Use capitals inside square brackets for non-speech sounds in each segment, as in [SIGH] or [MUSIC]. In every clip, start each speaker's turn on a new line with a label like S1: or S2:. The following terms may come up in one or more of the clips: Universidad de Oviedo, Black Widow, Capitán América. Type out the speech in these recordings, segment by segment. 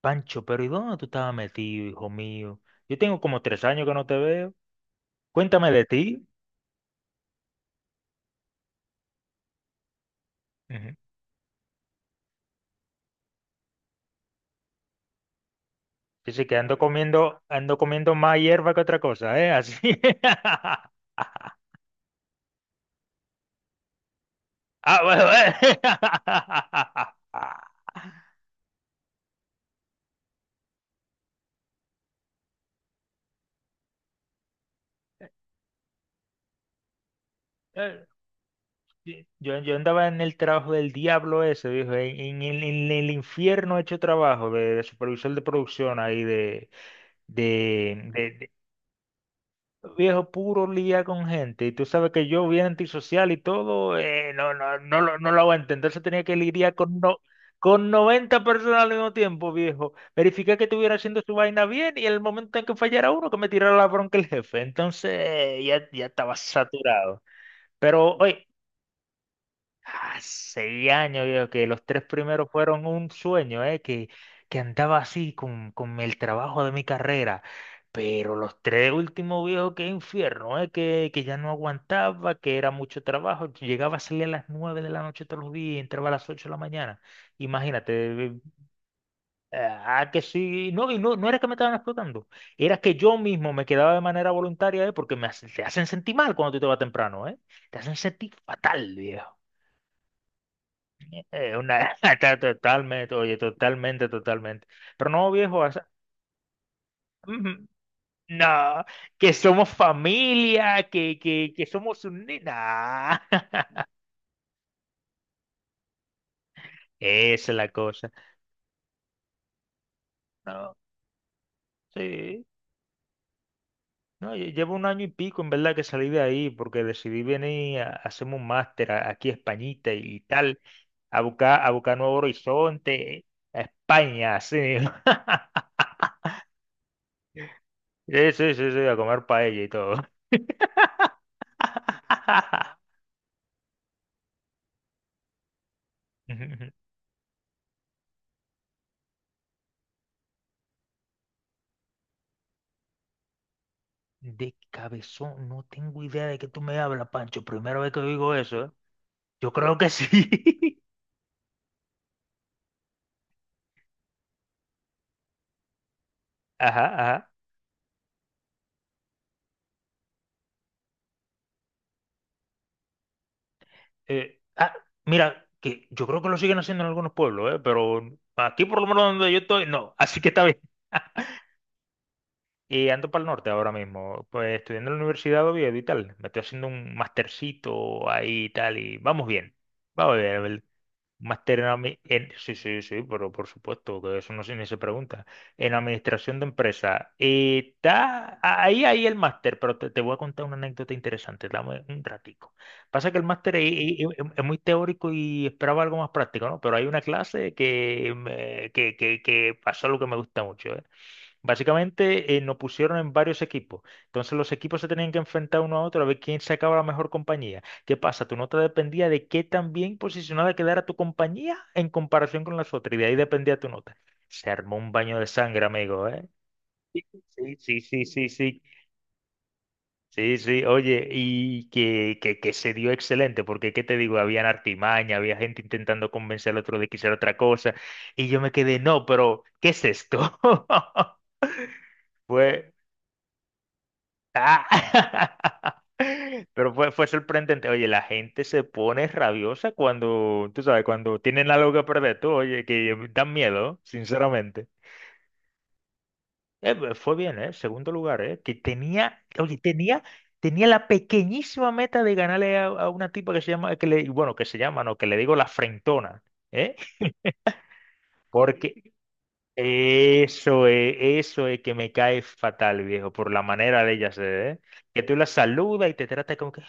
S1: Pancho, pero ¿y dónde tú estabas metido, hijo mío? Yo tengo como 3 años que no te veo. Cuéntame de ti. Ujú. Yo que ando comiendo más hierba que otra cosa, ¿eh? Así. [LAUGHS] Ah, bueno. [LAUGHS] Yo andaba en el trabajo del diablo ese, dijo, en el infierno hecho trabajo de supervisor de producción ahí de, Viejo, puro lía con gente. Y tú sabes que yo bien antisocial y todo, no, no, no, no lo voy a entender. Se tenía que lidiar con, no, con 90 personas al mismo tiempo, viejo. Verificar que estuviera haciendo su vaina bien y el momento en que fallara uno, que me tirara la bronca el jefe. Entonces, ya estaba saturado. Pero, oye, ah, 6 años, viejo, que los tres primeros fueron un sueño, que andaba así con el trabajo de mi carrera. Pero los tres últimos, viejo, que infierno, que ya no aguantaba, que era mucho trabajo. Llegaba a salir a las 9 de la noche todos los días, y entraba a las 8 de la mañana. Imagínate, que sí, no, y no era que me estaban explotando, era que yo mismo me quedaba de manera voluntaria, porque te hacen sentir mal cuando tú te vas temprano. Te hacen sentir fatal, viejo. Una, [LAUGHS] está totalmente, oye, totalmente, totalmente. Pero no, viejo, o sea, ujú, no, que somos familia, que somos un... Nah. [LAUGHS] Esa es la cosa. No, sí. No, llevo un año y pico en verdad que salí de ahí porque decidí venir a hacerme un máster aquí a Españita y tal, a buscar nuevo horizonte, a España, sí. [LAUGHS] Sí, sí, sí, sí, a comer paella y todo. [LAUGHS] De cabezón, no tengo idea de qué tú me hablas, Pancho. Primera vez que digo eso, ¿eh? Yo creo que sí. [LAUGHS] Ajá, ajá. Eh, ah, Mira, que yo creo que lo siguen haciendo en algunos pueblos, ¿eh? Pero aquí por lo menos donde yo estoy, no. [LAUGHS] Así que está bien. [LAUGHS] Y ando para el norte ahora mismo, pues estudiando en la Universidad de Oviedo y tal. Me estoy haciendo un mastercito ahí y tal, y vamos bien. Vamos bien, máster en, sí, sí, sí, pero por supuesto, que eso no se, ni se pregunta. En administración de empresa. Está ahí el máster, pero te voy a contar una anécdota interesante. Dame un ratico. Pasa que el máster es muy teórico y esperaba algo más práctico, ¿no? Pero hay una clase que pasó lo que me gusta mucho, ¿eh? Básicamente nos pusieron en varios equipos. Entonces los equipos se tenían que enfrentar uno a otro a ver quién sacaba la mejor compañía. ¿Qué pasa? Tu nota dependía de qué tan bien posicionada quedara tu compañía en comparación con las otras. Y de ahí dependía tu nota. Se armó un baño de sangre, amigo, ¿eh? Sí, sí, sí, sí, sí. Sí, sí, oye, y que se dio excelente, porque ¿qué te digo? Habían artimaña, había gente intentando convencer al otro de que hiciera otra cosa, y yo me quedé, no, pero ¿qué es esto? [LAUGHS] Fue, ah. [LAUGHS] Pero fue sorprendente. Oye, la gente se pone rabiosa cuando, tú sabes, cuando tienen algo que perder. Tú, oye, que dan miedo, sinceramente. Pues, fue bien, ¿eh? Segundo lugar, ¿eh? Que tenía, oye, tenía, tenía la pequeñísima meta de ganarle a una tipa que se llama, que le, bueno, que se llama, no, que le digo la frentona, ¿eh? Porque eso es que me cae fatal, viejo, por la manera de ella ser, ¿eh? Que tú la saludas y te trata como que...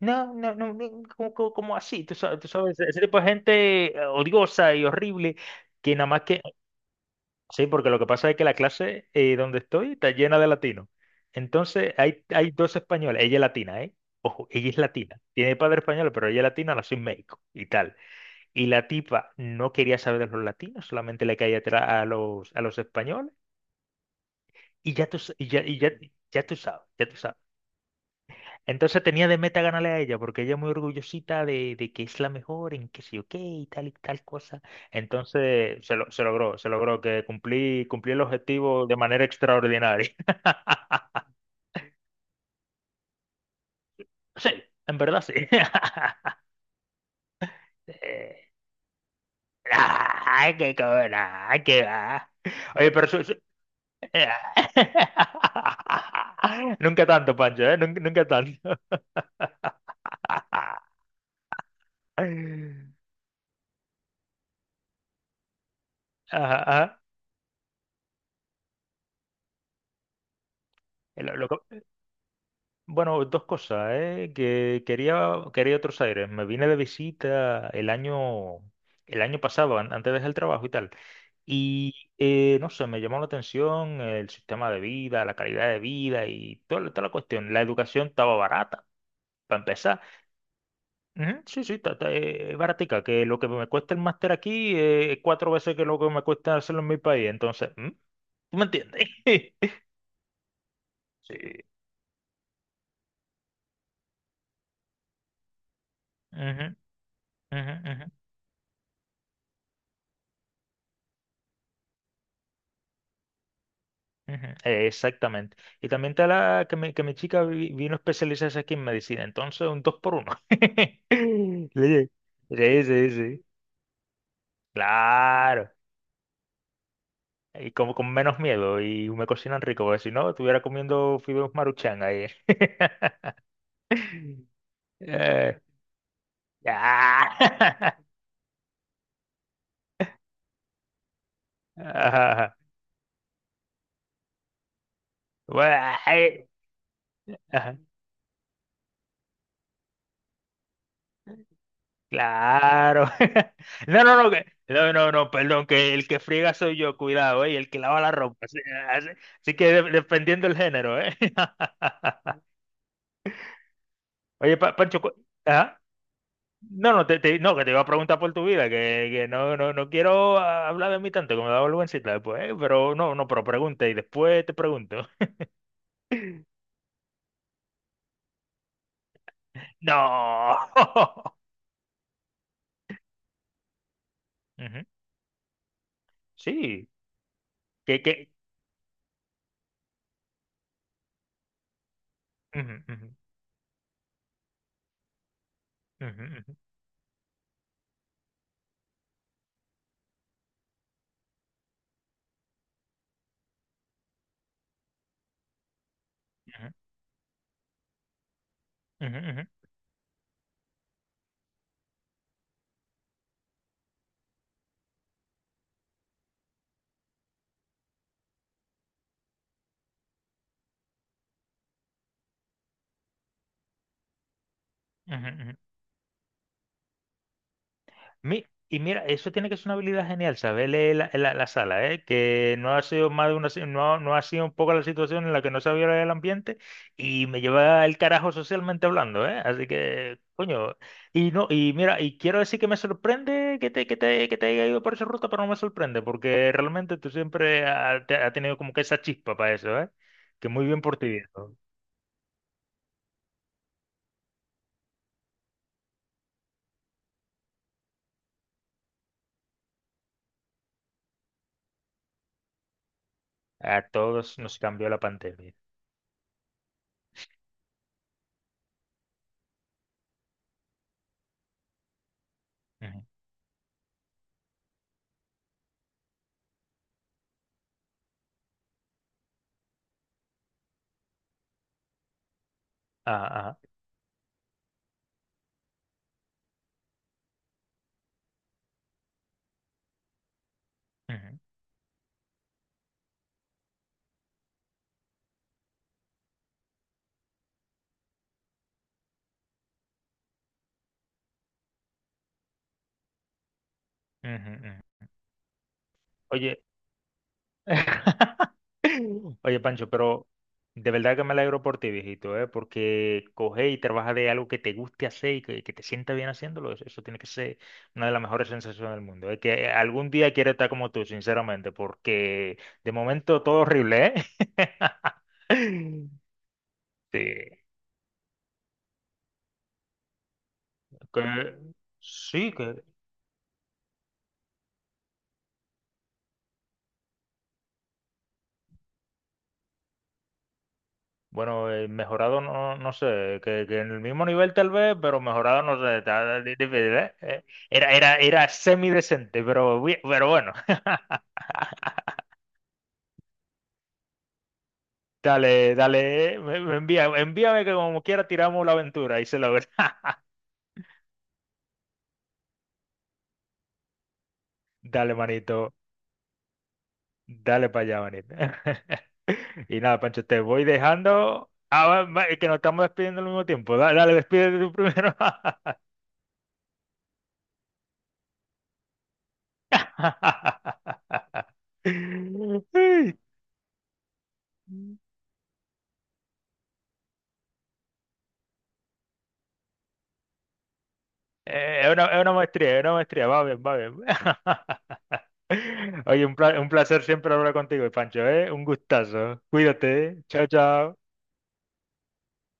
S1: No, no, no, no, como así, tú sabes, ese tipo de gente odiosa y horrible, que nada más que, sí, porque lo que pasa es que la clase donde estoy está llena de latinos. Entonces, hay dos españoles, ella es latina, ¿eh? Ojo, ella es latina, tiene padre español, pero ella es latina, nació en México y tal. Y la tipa no quería saber de los latinos, solamente le caía atrás a los españoles. Y ya tú, y ya, ya tú sabes, ya tú sabes. Entonces tenía de meta ganarle a ella, porque ella es muy orgullosita de que es la mejor en que sé ok y tal cosa. Entonces se logró que cumplí el objetivo de manera extraordinaria. [LAUGHS] Sí, en verdad sí. [LAUGHS] Eh, Ay, qué cobra, ay, qué va. Oye, pero eh, [LAUGHS] Nunca tanto, Pancho, ¿eh? Nunca, nunca tanto. [LAUGHS] Ajá, ajá. Lo, loco- Bueno, dos cosas, ¿eh? Que quería otros aires. Me vine de visita el año pasado, antes de dejar el trabajo y tal. Y no sé, me llamó la atención el sistema de vida, la calidad de vida y toda la cuestión. La educación estaba barata, para empezar. Ujú, sí, sí, es baratica, que lo que me cuesta el máster aquí es cuatro veces que lo que me cuesta hacerlo en mi país. Entonces, ¿mm? ¿Tú me entiendes? [LAUGHS] Sí. Ujú, ujú, ujú. Ujú, exactamente. Y también está la que mi chica vino a especializarse aquí en medicina. Entonces, un dos por uno. [LAUGHS] Sí, sí, sí. Sí. Claro. Y como con menos miedo. Y me cocinan rico. Porque si no, estuviera comiendo fideos maruchan ahí. [LAUGHS] Eh, ah, [LAUGHS] ajá, ajá. Bueno, [LAUGHS] eh, ajá. Claro. [LAUGHS] No, no, no, no, no, no, perdón, que el que friega soy yo, cuidado, ¿eh? Y el que lava la ropa. Así- así que dependiendo del género, ¿eh? [LAUGHS] Oye, Pancho, ajá. No, no, no, que te iba a preguntar por tu vida, que no, no, no quiero hablar de mí tanto, que me da vergüencita después, ¿eh? Pero no, no, pero pregunta y después te pregunto. [LAUGHS] No. [LAUGHS] Ujú, sí. Que, que... Ujú, ujú, ujú, ujú, ujú, ujú, ujú, ujú, ujú. Y mira, eso tiene que ser una habilidad genial, saber leer la sala, ¿eh? Que no ha sido más de una, no, no ha sido un poco la situación en la que no sabía leer el ambiente y me lleva el carajo socialmente hablando, ¿eh? Así que, coño, y no, y mira, y quiero decir que me sorprende que te haya ido por esa ruta, pero no me sorprende, porque realmente tú siempre has tenido como que esa chispa para eso, ¿eh? Que muy bien por ti, viejo. A todos nos cambió la pandemia. Ujú. Ah, ah, ujú, ujú, ujú. Oye. [LAUGHS] Oye, Pancho, pero de verdad que me alegro por ti, viejito, ¿eh? Porque coge y trabaja de algo que te guste hacer y que te sienta bien haciéndolo. Eso tiene que ser una de las mejores sensaciones del mundo. Es que algún día quiero estar como tú, sinceramente, porque de momento todo horrible, ¿eh? [LAUGHS] Sí, que, sí, que, bueno, mejorado no, no sé, que en el mismo nivel tal vez, pero mejorado no sé, está difícil, ¿eh? Era semidecente, pero, pero bueno. Dale, dale, me envía, envíame que como quiera tiramos la aventura y se logra. [LAUGHS] Dale, manito, dale para allá, manito. [LAUGHS] Y nada, Pancho, te voy dejando. Ah, va, es que nos estamos despidiendo al mismo tiempo. Dale, despídete tú primero. [LAUGHS] Ay. Es una maestría, va bien. [LAUGHS] Oye, un placer siempre hablar contigo, Pancho, ¿eh? Un gustazo. Cuídate, ¿eh? Chao, chao.